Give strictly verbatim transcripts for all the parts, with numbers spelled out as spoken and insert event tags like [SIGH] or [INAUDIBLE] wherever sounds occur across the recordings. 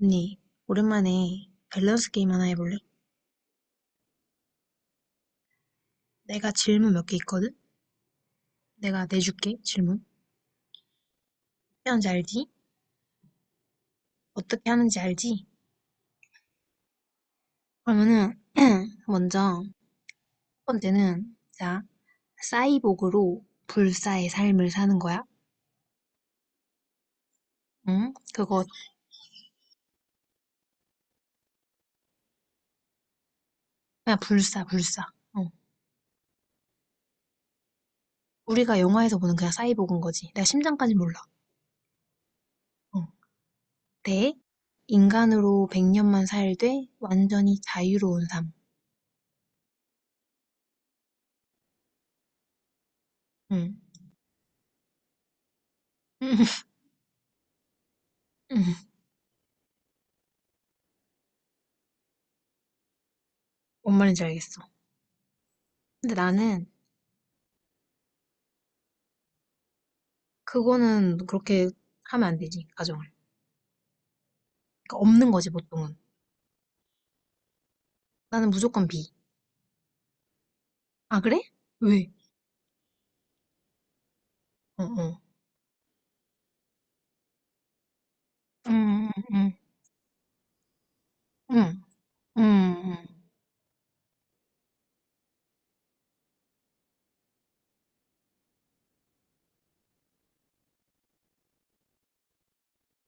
언니, 오랜만에 밸런스 게임 하나 해볼래? 내가 질문 몇 개 있거든? 내가 내줄게, 질문. 어떻게 하는지 알지? 어떻게 하는지 알지? 그러면은, [CLEARS THROAT] 먼저, 첫 번째는, 자, 사이보그로 불사의 삶을 사는 거야. 응? 그거, 그냥 불사, 불사. 어. 우리가 영화에서 보는 그냥 사이보그인 거지. 내가 심장까지 몰라. 어. 대, 인간으로 백 년만 살되 완전히 자유로운 삶. 응. [LAUGHS] 뭔 말인지 알겠어. 근데 나는 그거는 그렇게 하면 안 되지, 가정을. 그러니까 없는 거지, 보통은. 나는 무조건 B. 아, 그래? 왜? 어, 어. 음, 음, 음, 음, 음. 음.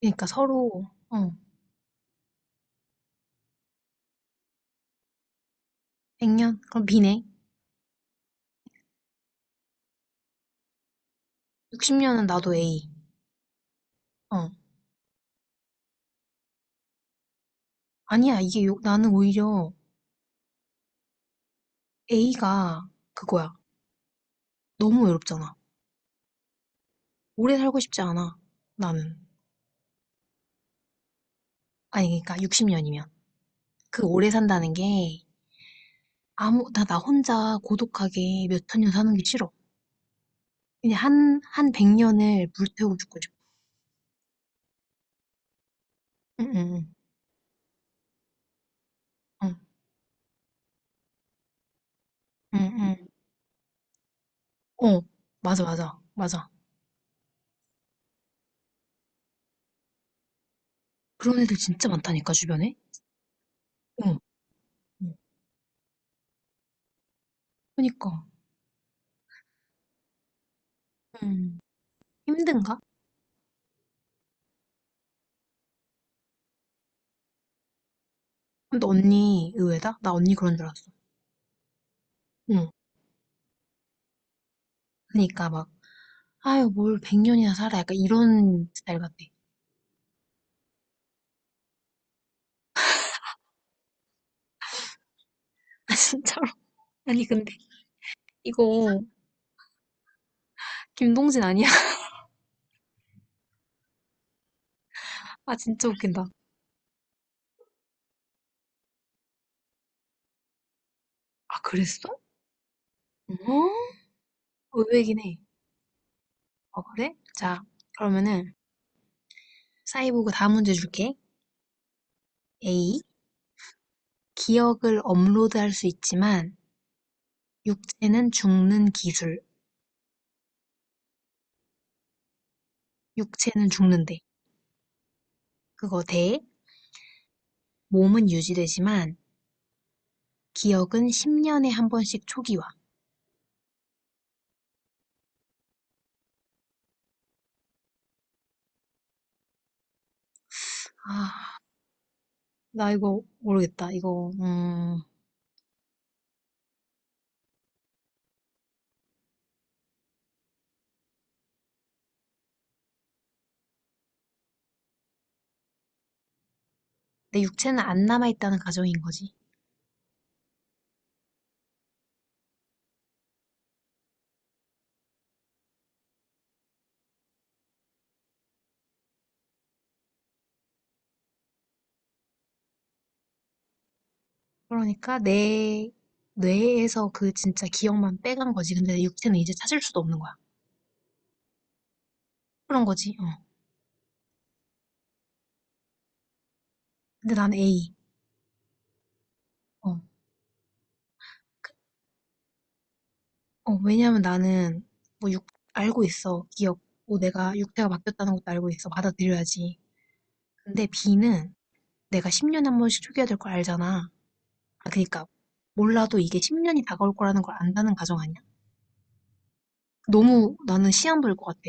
그러니까 서로, 어, 백 년? 그럼 B네. 육십 년은 나도 A. 어. 아니야, 이게 요- 나는 오히려 A가 그거야. 너무 외롭잖아. 오래 살고 싶지 않아, 나는. 아니, 그러니까 육십 년이면. 그 오래 산다는 게 아무, 나, 나 혼자 고독하게 몇 천년 사는 게 싫어. 그냥 한, 한 백 년을 물태우고 죽고 싶어. 응응응. 응, 응, 응. 어, 맞아, 맞아, 맞아. 그런 애들 진짜 많다니까, 주변에? 응, 응, 그니까. 응, 힘든가? 근데 언니 의외다? 나 언니 그런 줄 알았어. 응. 그니까 막, 아유, 뭘 백 년이나 살아. 약간 이런 스타일 같아. [LAUGHS] 아, 진짜로. 아니, 근데 이거 김동진 아니야? [LAUGHS] 아, 진짜 웃긴다. 아, 그랬어? 어? 의외긴 해. 어, 그래? 자, 그러면은, 사이보그 다음 문제 줄게. A. 기억을 업로드할 수 있지만 육체는 죽는 기술, 육체는 죽는데 그거 대 몸은 유지되지만 기억은 십 년에 한 번씩 초기화. 아, 나 이거 모르겠다. 이거 음, 내 육체는 안 남아 있다는 가정인 거지. 그러니까 내 뇌에서 그 진짜 기억만 빼간 거지. 근데 내 육체는 이제 찾을 수도 없는 거야. 그런 거지. 어. 근데 난 A. 어. 어, 왜냐면 나는 뭐 육, 알고 있어. 기억. 뭐 내가 육태가 바뀌었다는 것도 알고 있어. 받아들여야지. 근데 비는 내가 십 년에 한 번씩 초기화 될걸 알잖아. 아, 그니까 몰라도 이게 십 년이 다가올 거라는 걸 안다는 가정 아니야? 너무 나는 시한부일 것 같아.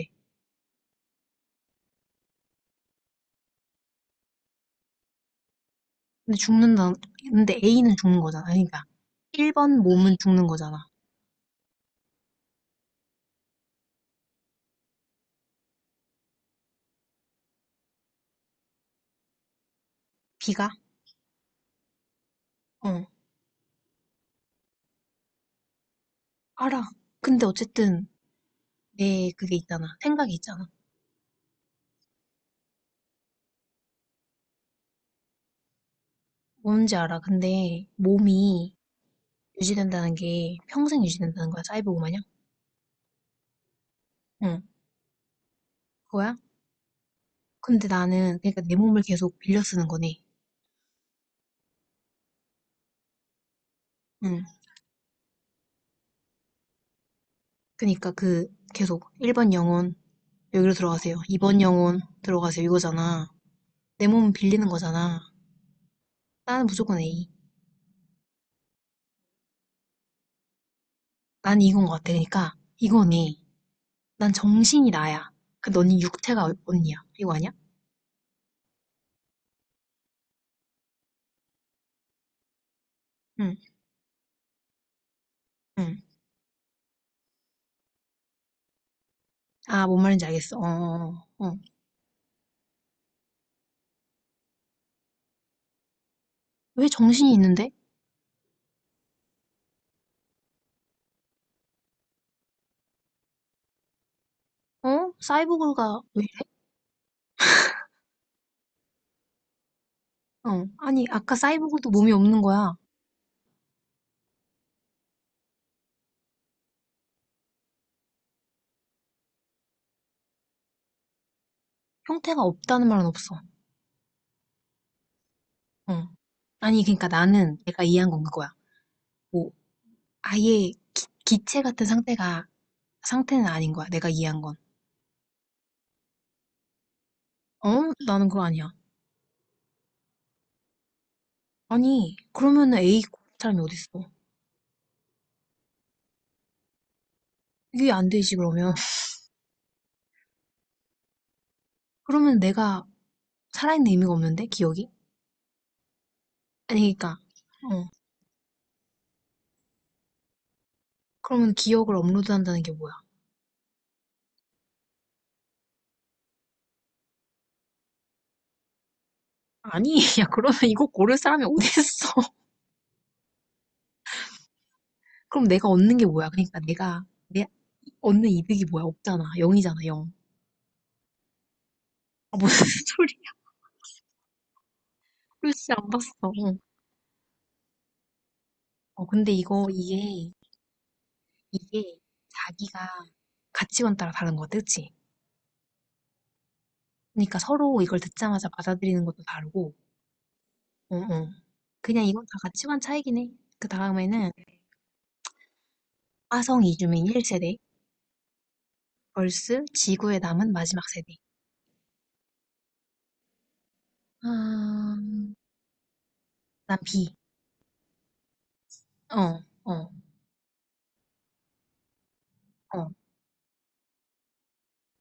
근데 죽는다. 근데 A는 죽는 거잖아. 그러니까 일 번 몸은 죽는 거잖아. B가? 어, 알아. 근데 어쨌든 내 그게 있잖아. 생각이 있잖아. 뭔지 알아. 근데 몸이 유지된다는 게 평생 유지된다는 거야, 사이보그 마냥? 응, 그거야? 근데 나는, 그러니까 내 몸을 계속 빌려 쓰는 거네. 응. 그러니까 그, 계속 일 번 영혼, 여기로 들어가세요. 이 번 영혼, 들어가세요. 이거잖아. 내 몸은 빌리는 거잖아. 나는 무조건 A. 난 이건 것 같아. 그러니까, 이거네. 난 정신이 나야. 그 너는 육태가 언니야. 이거 아니야? 응, 응. 아, 뭔 말인지 알겠어. 어, 어, 어. 어. 왜 정신이 있는데? 어? 사이보그가 왜 이래? 어, 아니, 아까 사이보그도 몸이 없는 거야. 형태가 없다는 말은 없어. 어. 아니, 그러니까 나는 내가 이해한 건 그거야. 뭐, 아예 기, 체 같은 상태가, 상태는 아닌 거야. 내가 이해한 건. 어? 나는 그거 아니야. 아니, 그러면은 A 사람이 어딨어? 이게 안 되지, 그러면. [LAUGHS] 그러면 내가 살아있는 의미가 없는데? 기억이? 아니, 그러니까, 어. 그러면 기억을 업로드한다는 게 뭐야? 아니, [LAUGHS] 야, 그러면 이거 고를 사람이 어딨어? [LAUGHS] 그럼 내가 얻는 게 뭐야? 그러니까 내가, 내, 얻는 이득이 뭐야? 없잖아. 영이잖아, 영. 아, 무슨 [LAUGHS] 소리야. 루시 안 봤어. 응. 어, 근데 이거, 이게, 이게 자기가 가치관 따라 다른 거 같아, 그치? 그러니까 서로 이걸 듣자마자 받아들이는 것도 다르고, 응, 응. 그냥 이건 다 가치관 차이긴 해. 그 다음에는 화성 이주민 일 세대, 벌스 지구에 남은 마지막 세대. 아, 난 B. 어, 어, 어.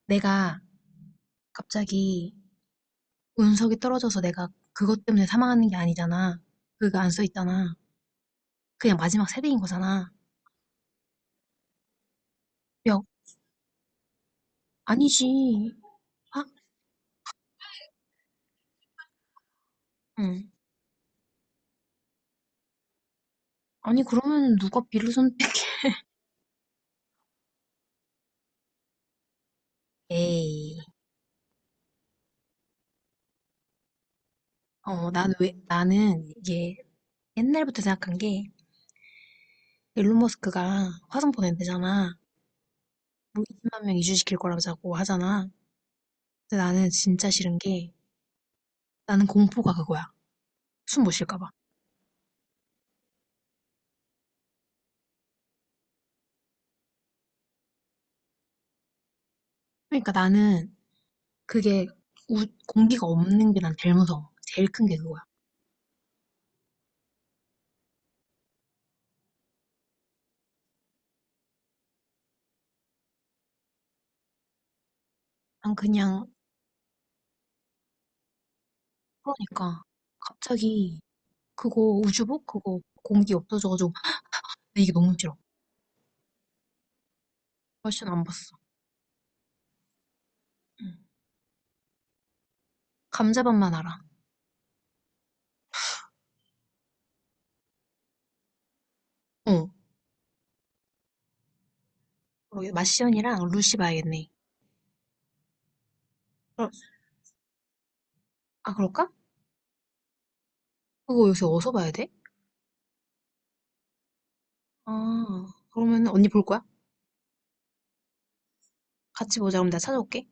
내가 갑자기 운석이 떨어져서 내가 그것 때문에 사망하는 게 아니잖아. 그거 안 써 있잖아. 그냥 마지막 세대인 거잖아. 야, 아니지. 아, 응. 아니, 그러면 누가 B를 선택해? 에이, 어, 난 왜, 나는 이게 옛날부터 생각한 게, 일론 머스크가 화성 보낸대잖아. 뭐 이십만 명 이주시킬 거라고 자꾸 하잖아. 근데 나는 진짜 싫은 게, 나는 공포가 그거야. 숨 못 쉴까 봐. 그러니까 나는 그게 우, 공기가 없는 게 난 제일 무서워. 제일 큰 게 그거야. 난 그냥, 그러니까, 갑자기 그거 우주복? 그거 공기 없어져가지고, 나 이게 너무 싫어. 훨씬 안 봤어. 응. 감자밥만 알아. 어. 그러게 마시연이랑 루시 봐야겠네. 어, 아, 그럴까? 그거 요새 어디서 봐야 돼? 아, 그러면 언니 볼 거야? 같이 보자. 그럼 내가 찾아올게.